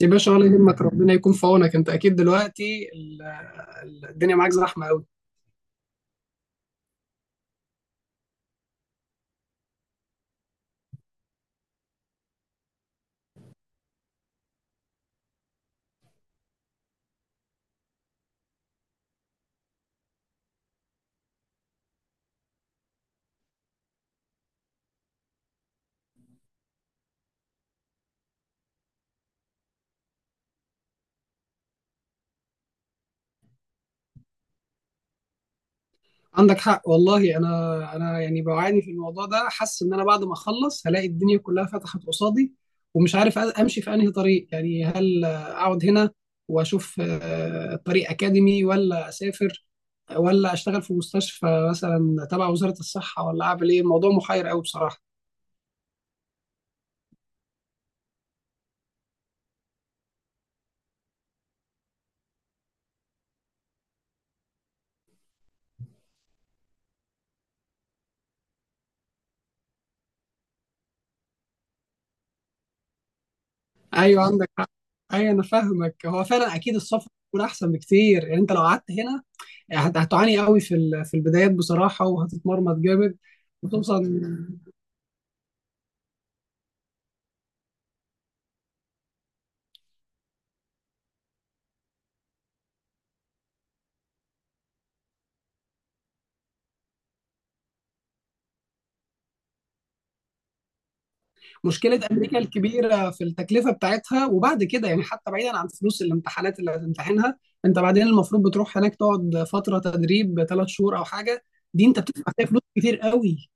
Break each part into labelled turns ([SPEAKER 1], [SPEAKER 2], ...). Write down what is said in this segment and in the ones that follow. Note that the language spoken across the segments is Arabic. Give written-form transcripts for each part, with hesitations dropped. [SPEAKER 1] يا باشا، ولا يهمك، ربنا يكون في عونك. انت اكيد دلوقتي الدنيا معاك زحمه قوي. عندك حق والله. انا يعني بعاني في الموضوع ده، حاسس ان انا بعد ما اخلص هلاقي الدنيا كلها فتحت قصادي، ومش عارف امشي في انهي طريق. يعني هل اقعد هنا واشوف طريق اكاديمي، ولا اسافر، ولا اشتغل في مستشفى مثلا تبع وزاره الصحه، ولا اعمل ايه؟ الموضوع محير قوي بصراحه. ايوه، عندك حق. ايوه، انا فاهمك. هو فعلا اكيد السفر يكون احسن بكتير. يعني انت لو قعدت هنا، يعني هتعاني قوي في البدايات بصراحه، وهتتمرمط جامد. وخصوصا مشكله امريكا الكبيره في التكلفه بتاعتها، وبعد كده يعني حتى بعيدا عن فلوس الامتحانات اللي هتمتحنها، انت بعدين المفروض بتروح هناك تقعد فتره تدريب 3 شهور او حاجه، دي انت بتدفع فيها فلوس كتير قوي.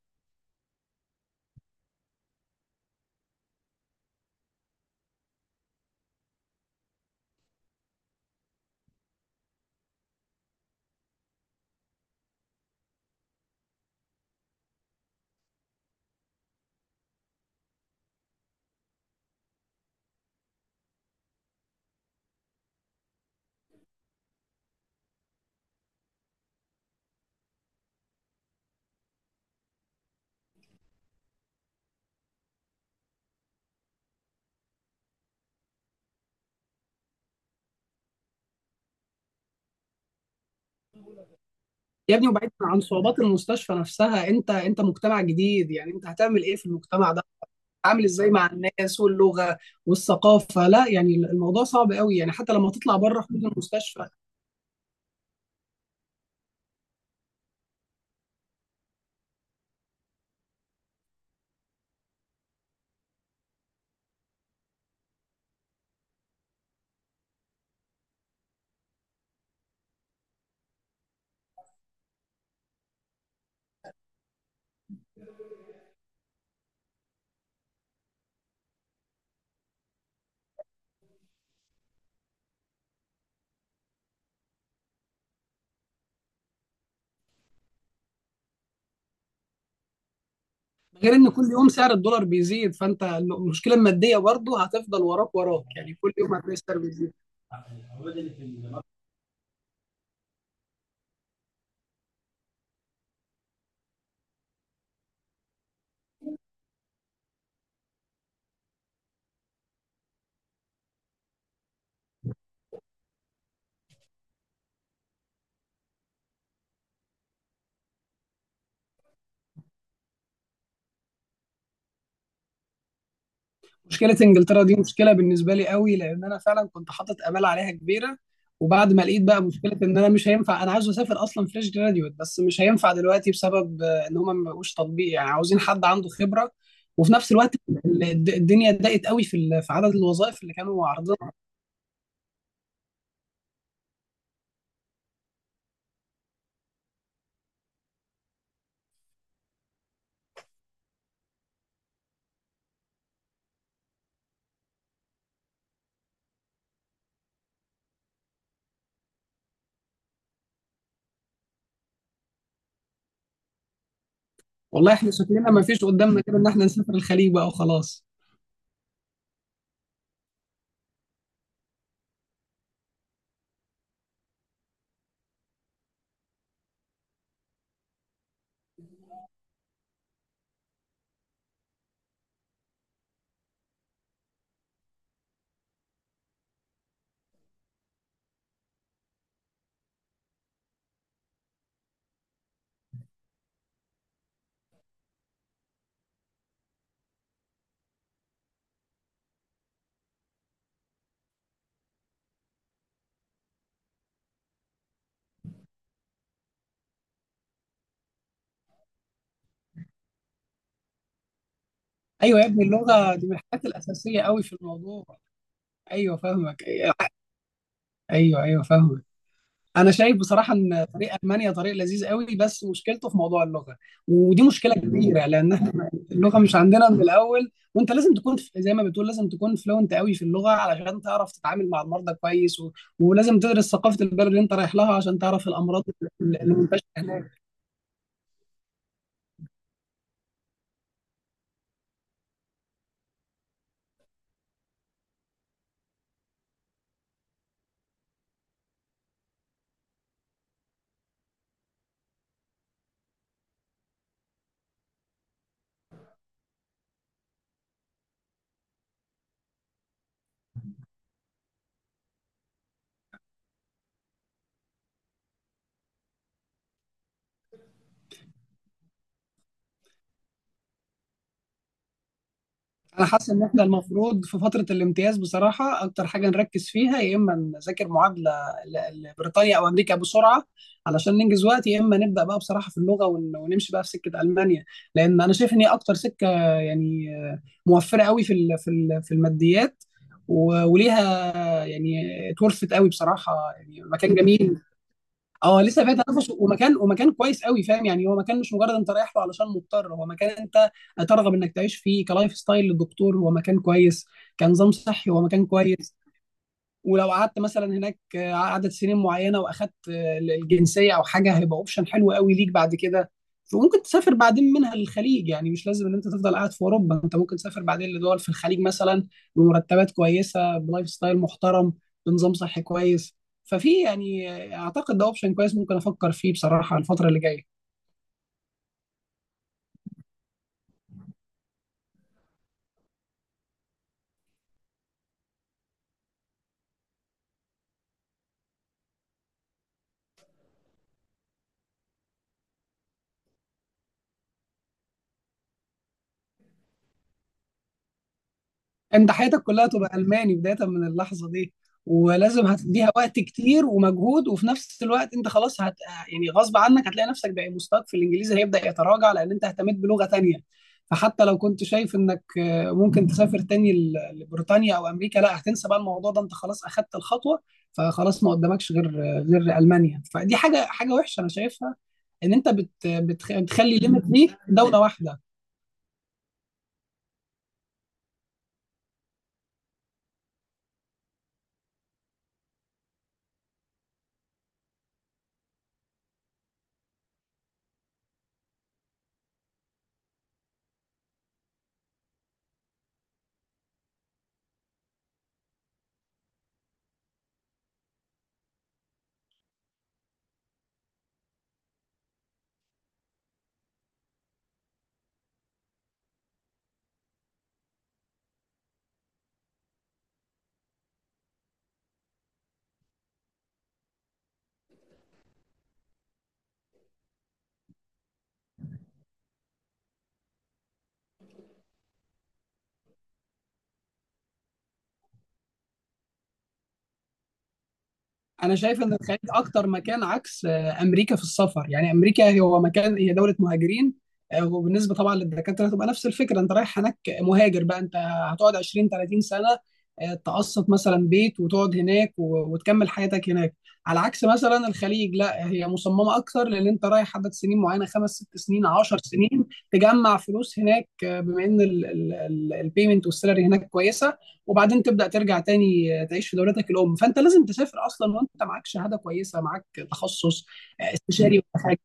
[SPEAKER 1] يا ابني، وبعيدا عن صعوبات المستشفى نفسها، انت مجتمع جديد. يعني انت هتعمل ايه في المجتمع ده؟ عامل ازاي مع الناس واللغه والثقافه؟ لا، يعني الموضوع صعب قوي، يعني حتى لما تطلع بره حدود المستشفى. غير ان كل يوم سعر الدولار بيزيد، فانت المشكله الماديه برضه هتفضل وراك وراك. يعني كل يوم هتلاقي السعر بيزيد. مشكله انجلترا دي مشكله بالنسبه لي قوي، لان انا فعلا كنت حاطط امال عليها كبيره. وبعد ما لقيت بقى مشكله ان انا مش هينفع، انا عاوز اسافر اصلا فريش جراديوت بس مش هينفع دلوقتي بسبب ان هم ما بقوش تطبيق، يعني عاوزين حد عنده خبره. وفي نفس الوقت الدنيا ضاقت قوي في عدد الوظائف اللي كانوا عارضينها. والله احنا شكلنا ما فيش قدامنا غير ان احنا نسافر الخليج بقى وخلاص. ايوه يا ابني، اللغه دي من الحاجات الاساسيه قوي في الموضوع. ايوه فاهمك. ايوه ايوه فاهمك. انا شايف بصراحه ان طريق المانيا طريق لذيذ قوي، بس مشكلته في موضوع اللغه. ودي مشكله كبيره، لان احنا اللغه مش عندنا من الاول، وانت لازم تكون زي ما بتقول لازم تكون فلوينت قوي في اللغه علشان تعرف تتعامل مع المرضى كويس. ولازم تدرس ثقافه البلد اللي انت رايح لها عشان تعرف الامراض اللي منتشره هناك. انا حاسس ان احنا المفروض في فتره الامتياز بصراحه اكتر حاجه نركز فيها، يا اما نذاكر معادله لبريطانيا او امريكا بسرعه علشان ننجز وقت، يا اما نبدا بقى بصراحه في اللغه ونمشي بقى في سكه المانيا، لان انا شايف ان هي اكتر سكه يعني موفره قوي في الماديات، وليها يعني اتورثت قوي بصراحه. يعني مكان جميل. اه لسه فيها تنافس ومكان كويس قوي، فاهم. يعني هو مكان مش مجرد انت رايح له علشان مضطر، هو مكان انت ترغب انك تعيش فيه. كلايف ستايل للدكتور هو مكان كويس، كنظام صحي هو مكان كويس. ولو قعدت مثلا هناك عدد سنين معينه، واخدت الجنسيه او حاجه، هيبقى اوبشن حلو قوي ليك بعد كده. وممكن تسافر بعدين منها للخليج. يعني مش لازم ان انت تفضل قاعد في اوروبا، انت ممكن تسافر بعدين لدول في الخليج مثلا، بمرتبات كويسه، بلايف ستايل محترم، بنظام صحي كويس. ففي يعني اعتقد ده اوبشن كويس ممكن افكر فيه بصراحه الفتره اللي جايه. انت حياتك كلها تبقى الماني بدايه من اللحظه دي. ولازم هتديها وقت كتير ومجهود، وفي نفس الوقت انت خلاص يعني غصب عنك هتلاقي نفسك بقى مستواك في الانجليزي هيبدا يتراجع، لان انت اهتميت بلغه تانية. فحتى لو كنت شايف انك ممكن تسافر تاني لبريطانيا او امريكا، لا، هتنسى بقى الموضوع ده، انت خلاص اخدت الخطوه. فخلاص ما قدامكش غير المانيا. فدي حاجه وحشه انا شايفها، ان انت بتخلي ليميت ليك دوله واحده. انا شايف ان الخليج اكتر مكان عكس امريكا في السفر. يعني امريكا هو مكان، هي دوله مهاجرين، وبالنسبه طبعا للدكاتره هتبقى نفس الفكره، انت رايح هناك مهاجر بقى، انت هتقعد 20 30 سنه، تقسط مثلا بيت وتقعد هناك، وتكمل حياتك هناك. على عكس مثلا الخليج، لا، هي مصممه اكتر، لان انت رايح عدد سنين معينه، خمس ست سنين، 10 سنين، تجمع فلوس هناك. بما ان البيمنت والسالري هناك كويسه، وبعدين تبدا ترجع تاني تعيش في دولتك الام. فانت لازم تسافر اصلا وانت معاك شهاده كويسه، معاك تخصص، استشاري ولا حاجه.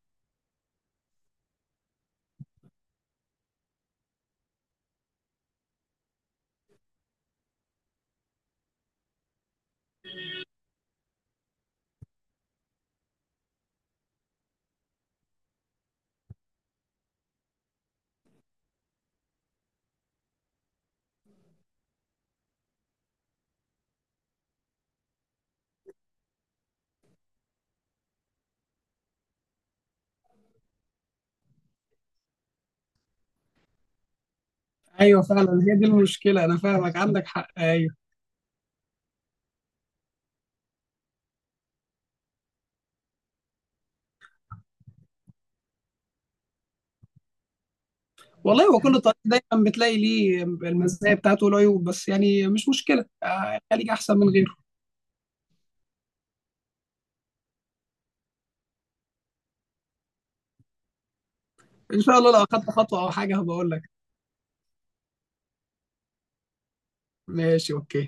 [SPEAKER 1] ايوه فعلا، هي دي المشكله. انا فاهمك، عندك حق، ايوه. والله هو كل طريق دايما بتلاقي ليه المزايا بتاعته والعيوب، بس يعني مش مشكله، خليك احسن من غيره. ان شاء الله لو اخدت خطوه او حاجه هبقول لك. ماشي، اوكي.